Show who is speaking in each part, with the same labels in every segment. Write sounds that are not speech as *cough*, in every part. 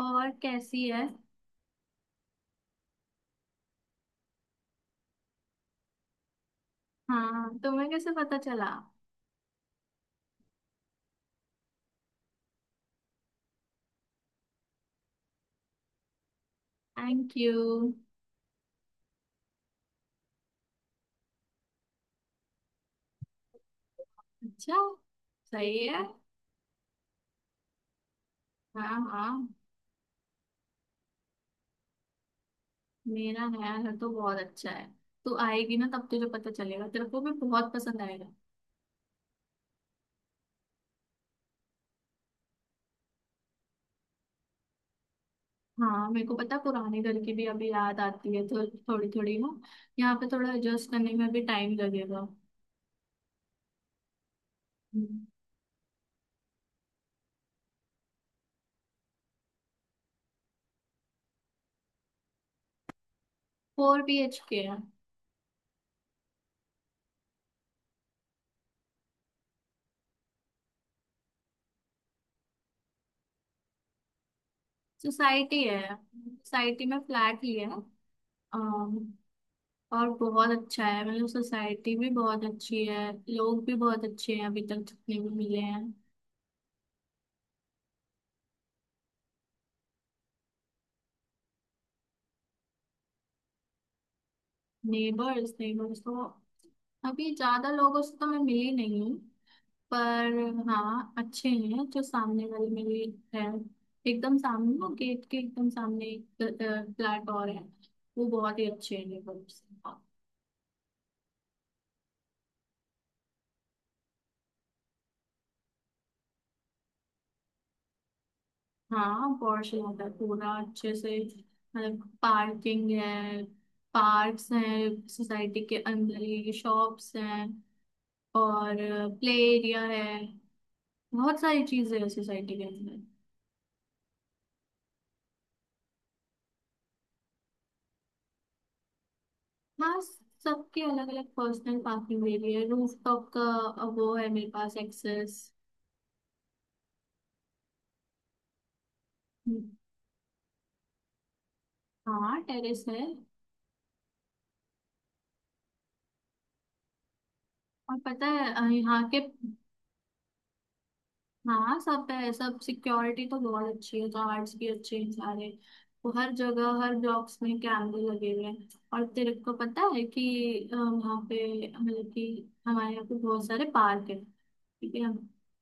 Speaker 1: और कैसी है। हाँ, तुम्हें कैसे पता चला। Thank you. अच्छा। सही है। हाँ, हाँ। मेरा नया घर तो बहुत अच्छा है। तू आएगी ना तब तुझे पता चलेगा, तेरे को भी बहुत पसंद आएगा। हाँ मेरे को पता है, पुराने घर की भी अभी याद आती है थोड़ी थोड़ी ना। यहाँ पे थोड़ा एडजस्ट करने में भी टाइम लगेगा। फोर बी एच के है। सोसाइटी है, सोसाइटी में फ्लैट ही है। और बहुत अच्छा है, मतलब सोसाइटी भी बहुत अच्छी है। लोग भी बहुत अच्छे हैं अभी तक जितने भी मिले हैं। नेबर्स, नेबर्स तो अभी ज्यादा लोगों से तो मैं मिली नहीं हूँ। पर हाँ, अच्छे हैं जो सामने वाले मेरे है। एकदम सामने, वो गेट के एकदम सामने फ्लैट और है। वो बहुत ही अच्छे हैं नेबर्स। हाँ पॉश इलाका है पूरा अच्छे से। मतलब पार्किंग है, पार्क्स हैं, सोसाइटी के अंदर ही शॉप्स हैं और प्ले एरिया है। बहुत सारी चीजें है सोसाइटी के अंदर। हाँ, सबके अलग अलग पर्सनल पार्किंग एरिया है। रूफ टॉप का वो है, मेरे पास एक्सेस। हाँ, टेरेस है। और पता है यहाँ के। हाँ सब है, सब सिक्योरिटी तो बहुत अच्छी है, गार्ड्स भी अच्छे हैं सारे। वो हर जगह, हर ब्लॉक्स में कैमरे लगे हुए हैं। और तेरे को पता है कि वहाँ पे मतलब कि हमारे यहाँ पे बहुत सारे पार्क है। ठीक है।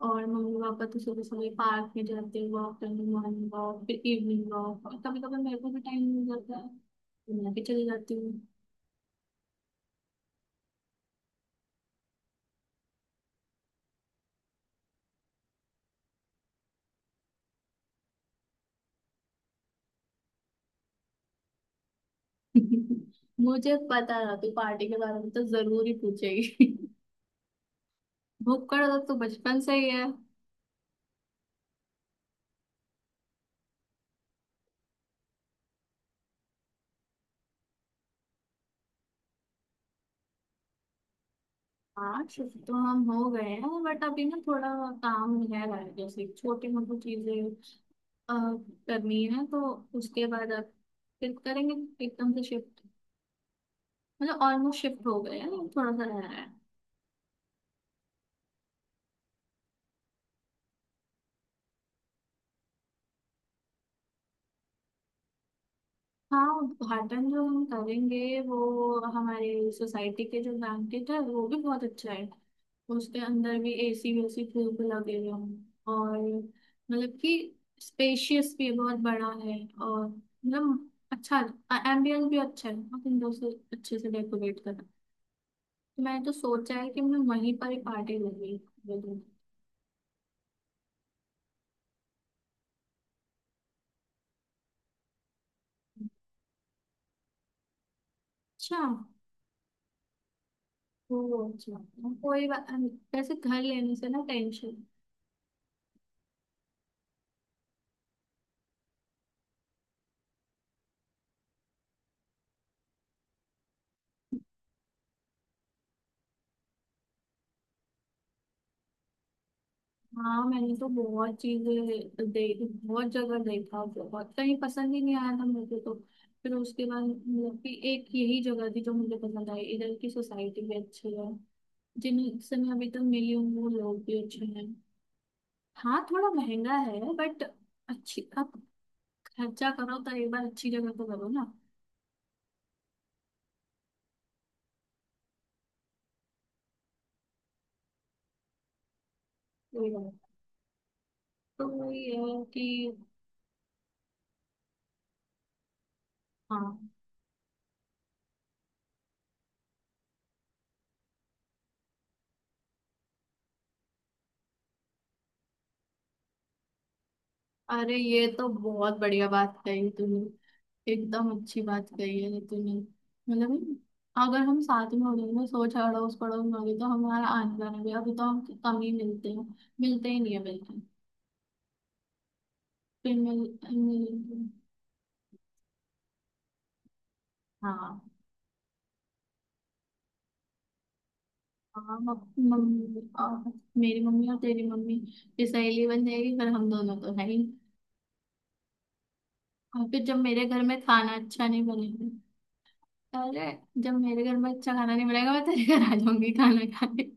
Speaker 1: और मम्मी पापा तो सुबह सुबह पार्क में जाते हैं वॉक करने, मॉर्निंग वॉक फिर इवनिंग वॉक। और कभी कभी मेरे को भी टाइम मिल जाता है तो मैं भी चली जाती हूँ। *laughs* मुझे पता था तू पार्टी के बारे में तो जरूर ही पूछेगी। *laughs* भुक्कड़ तो तू बचपन से ही है। हाँ शिफ्ट तो हम हो गए हैं बट अभी ना थोड़ा काम रह रहा है घर। जैसे छोटी मोटी चीजें अ, करनी है तो उसके बाद अब फिर करेंगे एकदम से शिफ्ट। मतलब ऑलमोस्ट शिफ्ट हो गए हैं, थोड़ा सा रह रहा है। हाँ, उद्घाटन जो हम करेंगे वो हमारे सोसाइटी के जो बैंकेट है वो भी बहुत अच्छा है। उसके अंदर भी एसी वेसी खूब लगे हुए हैं और मतलब कि स्पेशियस भी बहुत बड़ा है और मतलब अच्छा एम्बियंस भी अच्छा है और इन से अच्छे से डेकोरेट करा। तो मैंने तो सोचा है कि मैं वहीं पर ही पार्टी लगी। अच्छा। वो अच्छा। कोई बात। वैसे घर लेने से ना टेंशन। हाँ मैंने तो बहुत चीजें देखी, बहुत जगह देखा, बहुत कहीं पसंद ही नहीं आया था मुझे तो। फिर उसके बाद मतलब कि एक यही जगह थी जो मुझे पसंद आई। इधर की सोसाइटी भी अच्छी है, जिनसे मैं अभी तक मिली हूँ वो लोग भी अच्छे हैं। हाँ, थोड़ा महंगा है बट अच्छी आप खर्चा करो तो एक बार अच्छी जगह तो करो ना। कोई बात नहीं। तो ये है कि हाँ। अरे ये तो बहुत बढ़िया बात कही तूने। एकदम अच्छी बात कही है तूने। मतलब अगर हम साथ में होंगे, सोच, अड़ोस पड़ोस में होगी तो हमारा आने जाना भी। अभी तो हम कम ही मिलते हैं, मिलते ही नहीं है बिल्कुल। फिर मिल। हाँ हाँ। मम्मी और मेरी मम्मी और तेरी मम्मी फिर सहेली बन जाएगी। फिर हम दोनों तो है ही। और फिर जब मेरे घर में खाना अच्छा नहीं बनेगा। अरे जब मेरे घर में अच्छा खाना नहीं बनेगा मैं तेरे घर आ जाऊंगी खाना खाने।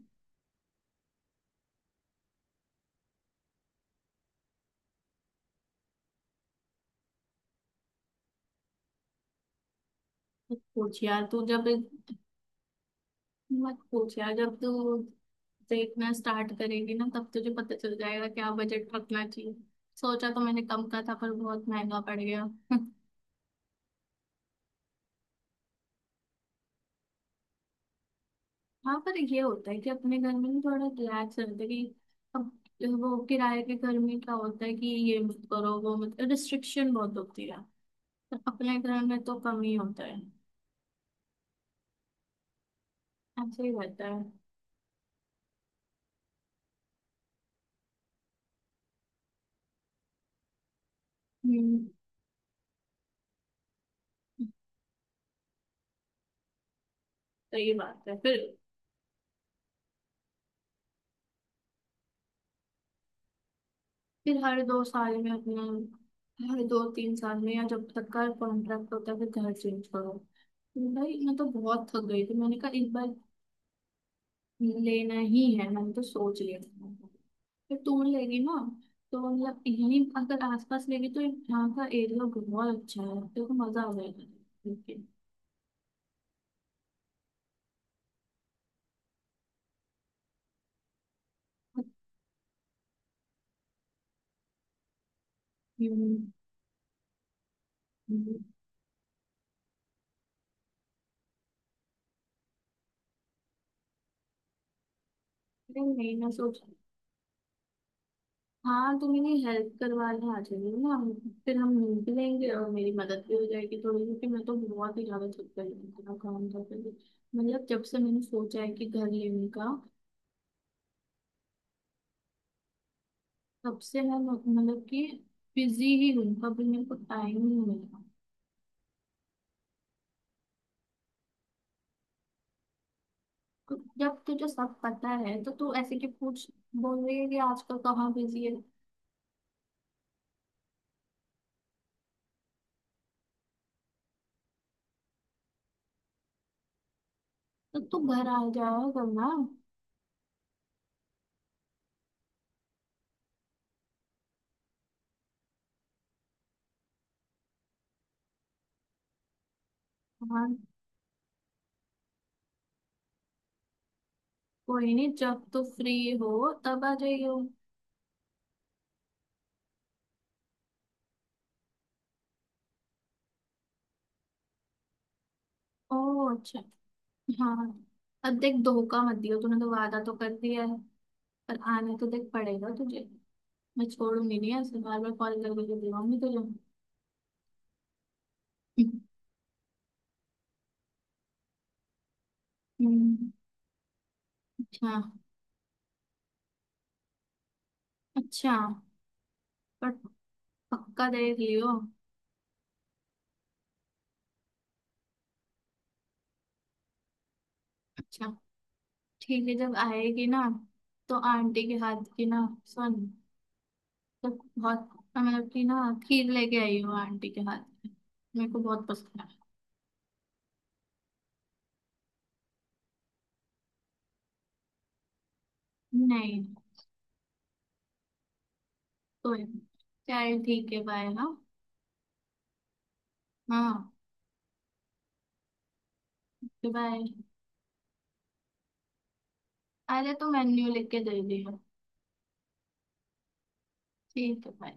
Speaker 1: मत पूछ यार तू जब। मत पूछ यार, जब तू देखना स्टार्ट करेंगे ना तब तुझे पता चल जाएगा क्या बजट रखना चाहिए। सोचा तो मैंने कम का था पर बहुत महंगा पड़ गया। *laughs* हाँ पर ये होता है कि अपने घर में ना थोड़ा रिलैक्स रहते हैं कि अब। वो किराए के घर में क्या होता है कि ये मत करो वो मत, रिस्ट्रिक्शन बहुत होती है। पर अपने घर में तो कम ही होता है, ऐसे ही रहता है। हम्म। सही बात है फिर। फिर हर दो साल में अपना, हर दो तीन साल में या जब तक का कॉन्ट्रैक्ट होता है फिर घर चेंज करो। भाई मैं तो बहुत थक गई थी, मैंने कहा इस बार लेना ही है, मैंने तो सोच लिया था। फिर तू लेगी ना तो मतलब यहीं अगर आसपास लेगी तो यहाँ का एरिया बहुत अच्छा है, तेरे को मजा आ जाएगा। लेकिन नहीं नहीं, मैं सोच। हाँ तो मेरी हेल्प करवाने आ जाएगी ना। फिर हम मिल भी लेंगे और मेरी मदद भी हो जाएगी थोड़ी, क्योंकि मैं तो बहुत ही ज्यादा थक गई हूँ, इतना काम था। फिर मतलब जब से मैंने सोचा है कि घर लेने का, तब से मैं मतलब कि बिजी ही हूँ, कभी मेरे को टाइम ही नहीं मिला। तो जब तुझे सब पता है तो तू ऐसे क्यों पूछ बोल रही है कि आजकल कहाँ बिजी है। तो तू घर आ जाया कर ना। हाँ। कोई नहीं, जब तू फ्री हो तब आ जाइयो। ओह अच्छा। हाँ। अब देख, धोखा मत दियो, तूने तो वादा तो कर दिया है पर आने तो देख पड़ेगा तुझे। मैं छोड़ूंगी नहीं, ऐसे बार बार कॉल करके दिलाऊंगी तुझे। हम्म। हम्म। अच्छा। अच्छा। पर पक्का देख लियो। अच्छा। ठीक है जब आएगी ना तो आंटी के हाथ की ना। सुन तो, बहुत मतलब कि ना खीर लेके आई हूँ आंटी के हाथ की, मेरे को बहुत पसंद है। नहीं। कोई नहीं। चल ठीक है बाय। हाँ, हाँ, बाय। अरे तो मेन्यू लिख के दे दियो। ठीक है बाय।